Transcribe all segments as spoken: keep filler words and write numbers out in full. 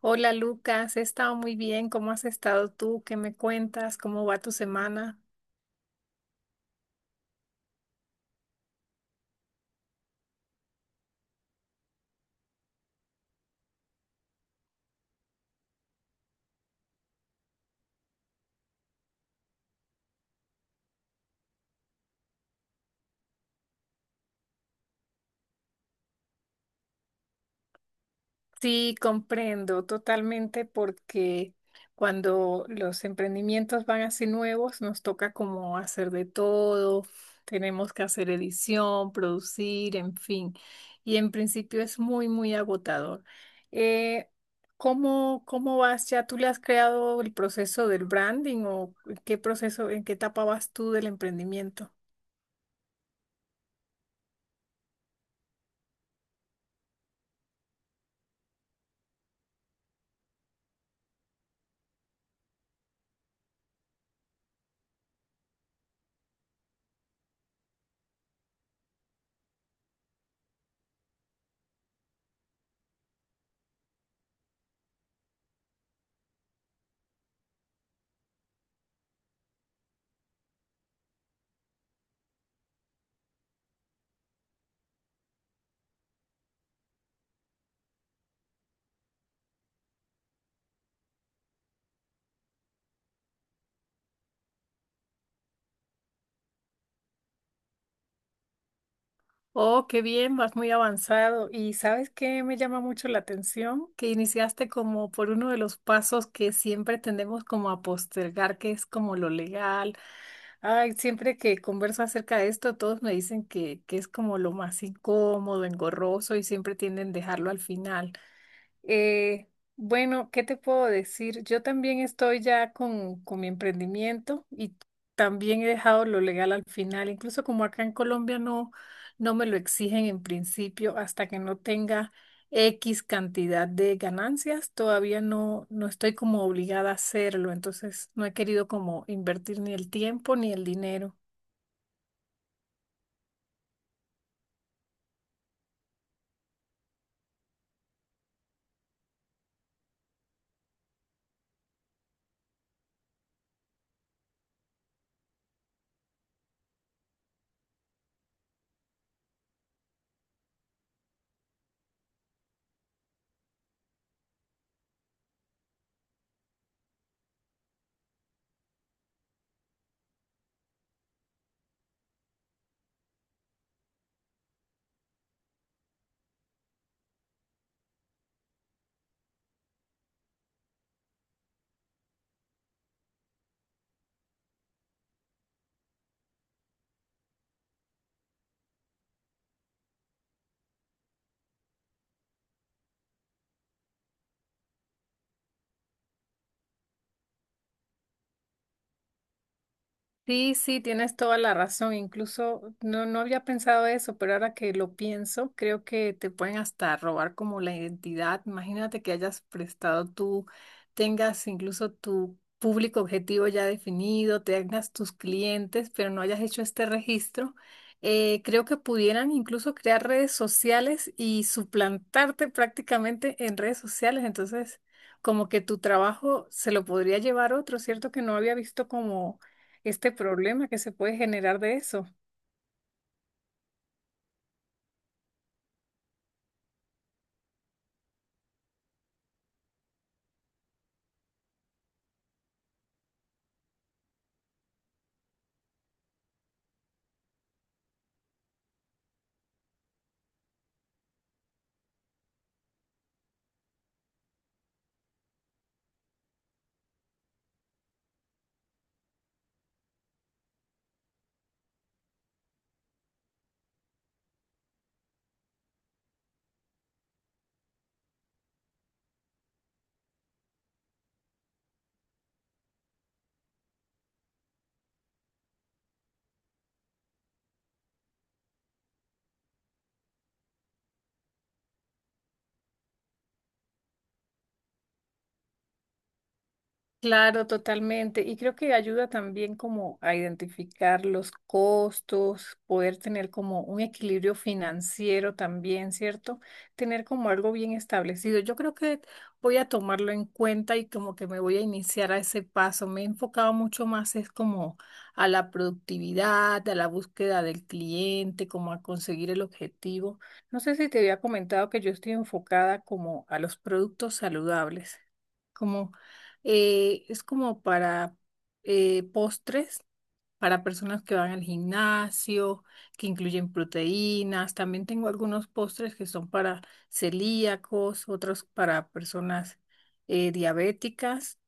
Hola Lucas, he estado muy bien. ¿Cómo has estado tú? ¿Qué me cuentas? ¿Cómo va tu semana? Sí, comprendo totalmente porque cuando los emprendimientos van así nuevos, nos toca como hacer de todo, tenemos que hacer edición, producir, en fin. Y en principio es muy, muy agotador. Eh, ¿cómo, cómo vas ya? ¿Tú le has creado el proceso del branding o qué proceso, en qué etapa vas tú del emprendimiento? Oh, qué bien, vas muy avanzado. ¿Y sabes qué me llama mucho la atención? Que iniciaste como por uno de los pasos que siempre tendemos como a postergar, que es como lo legal. Ay, siempre que converso acerca de esto, todos me dicen que, que es como lo más incómodo, engorroso y siempre tienden a dejarlo al final. Eh, bueno, ¿qué te puedo decir? Yo también estoy ya con, con mi emprendimiento y también he dejado lo legal al final. Incluso como acá en Colombia no, no me lo exigen en principio hasta que no tenga X cantidad de ganancias, todavía no, no estoy como obligada a hacerlo. Entonces no he querido como invertir ni el tiempo ni el dinero. Sí, sí, tienes toda la razón. Incluso no, no había pensado eso, pero ahora que lo pienso, creo que te pueden hasta robar como la identidad. Imagínate que hayas prestado tú, tengas incluso tu público objetivo ya definido, tengas tus clientes, pero no hayas hecho este registro. Eh, creo que pudieran incluso crear redes sociales y suplantarte prácticamente en redes sociales. Entonces, como que tu trabajo se lo podría llevar otro, ¿cierto? Que no había visto como este problema que se puede generar de eso. Claro, totalmente. Y creo que ayuda también como a identificar los costos, poder tener como un equilibrio financiero también, ¿cierto? Tener como algo bien establecido. Yo creo que voy a tomarlo en cuenta y como que me voy a iniciar a ese paso. Me he enfocado mucho más es como a la productividad, a la búsqueda del cliente, como a conseguir el objetivo. No sé si te había comentado que yo estoy enfocada como a los productos saludables como eh, es como para eh, postres, para personas que van al gimnasio, que incluyen proteínas. También tengo algunos postres que son para celíacos, otros para personas eh, diabéticas.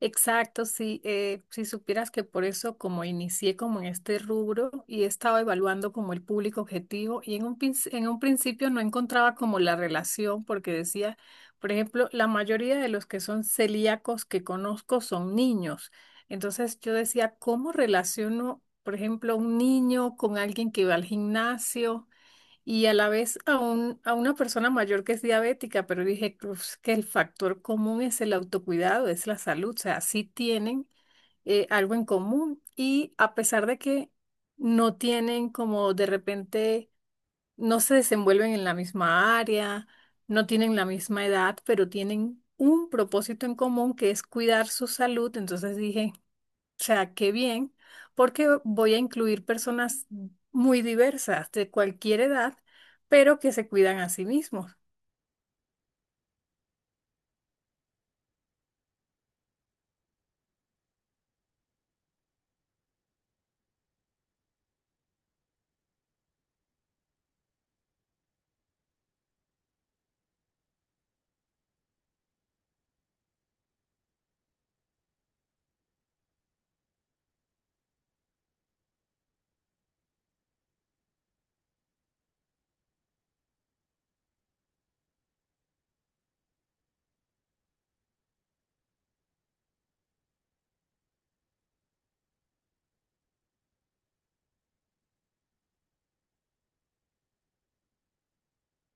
Exacto, sí, eh, si supieras que por eso como inicié como en este rubro y he estado evaluando como el público objetivo y en un, pinc- en un principio no encontraba como la relación porque decía, por ejemplo, la mayoría de los que son celíacos que conozco son niños. Entonces yo decía, ¿cómo relaciono, por ejemplo, un niño con alguien que va al gimnasio? Y a la vez a, un, a una persona mayor que es diabética, pero dije "Uf, que el factor común es el autocuidado, es la salud, o sea, sí tienen eh, algo en común y a pesar de que no tienen como de repente, no se desenvuelven en la misma área, no tienen la misma edad, pero tienen un propósito en común que es cuidar su salud, entonces dije... O sea, qué bien, porque voy a incluir personas muy diversas, de cualquier edad, pero que se cuidan a sí mismos.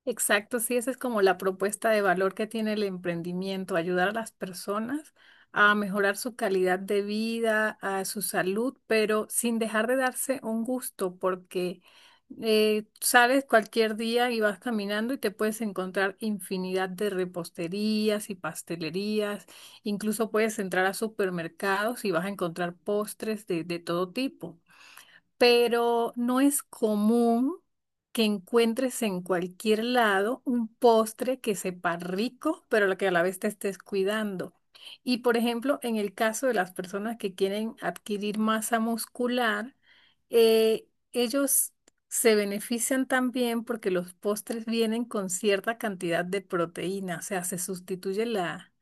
Exacto, sí, esa es como la propuesta de valor que tiene el emprendimiento, ayudar a las personas a mejorar su calidad de vida, a su salud, pero sin dejar de darse un gusto, porque eh, sales cualquier día y vas caminando y te puedes encontrar infinidad de reposterías y pastelerías, incluso puedes entrar a supermercados y vas a encontrar postres de de todo tipo pero no es común que encuentres en cualquier lado un postre que sepa rico, pero lo que a la vez te estés cuidando. Y por ejemplo, en el caso de las personas que quieren adquirir masa muscular, eh, ellos se benefician también porque los postres vienen con cierta cantidad de proteína, o sea, se sustituye la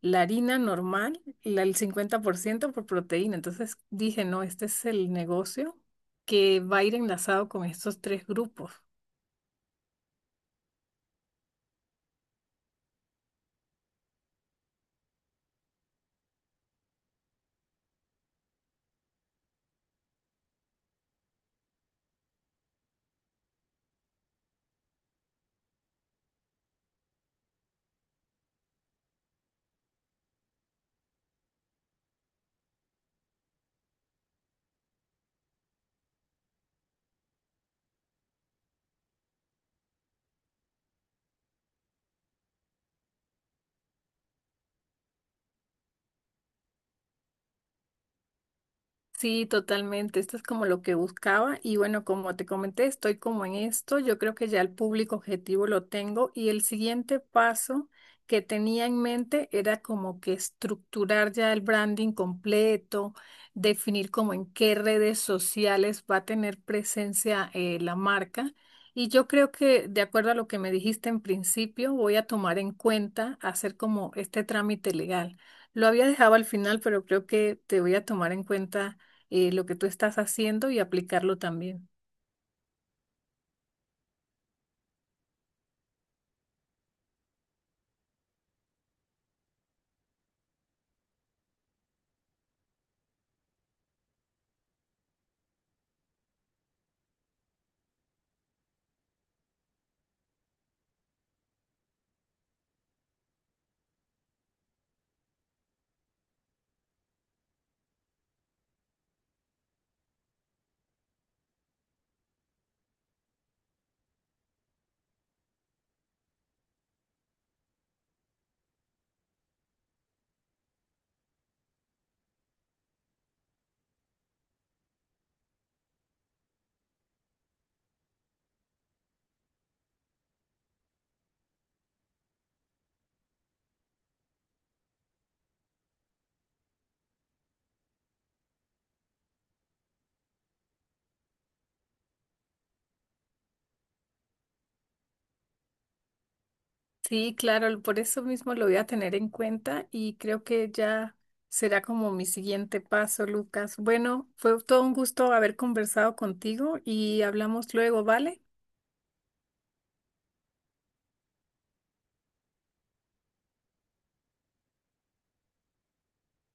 la harina normal, la- el cincuenta por ciento por proteína. Entonces dije, no, este es el negocio que va a ir enlazado con estos tres grupos. Sí, totalmente. Esto es como lo que buscaba y bueno, como te comenté, estoy como en esto. Yo creo que ya el público objetivo lo tengo y el siguiente paso que tenía en mente era como que estructurar ya el branding completo, definir como en qué redes sociales va a tener presencia eh, la marca. Y yo creo que de acuerdo a lo que me dijiste en principio, voy a tomar en cuenta hacer como este trámite legal. Lo había dejado al final, pero creo que te voy a tomar en cuenta eh, lo que tú estás haciendo y aplicarlo también. Sí, claro, por eso mismo lo voy a tener en cuenta y creo que ya será como mi siguiente paso, Lucas. Bueno, fue todo un gusto haber conversado contigo y hablamos luego, ¿vale?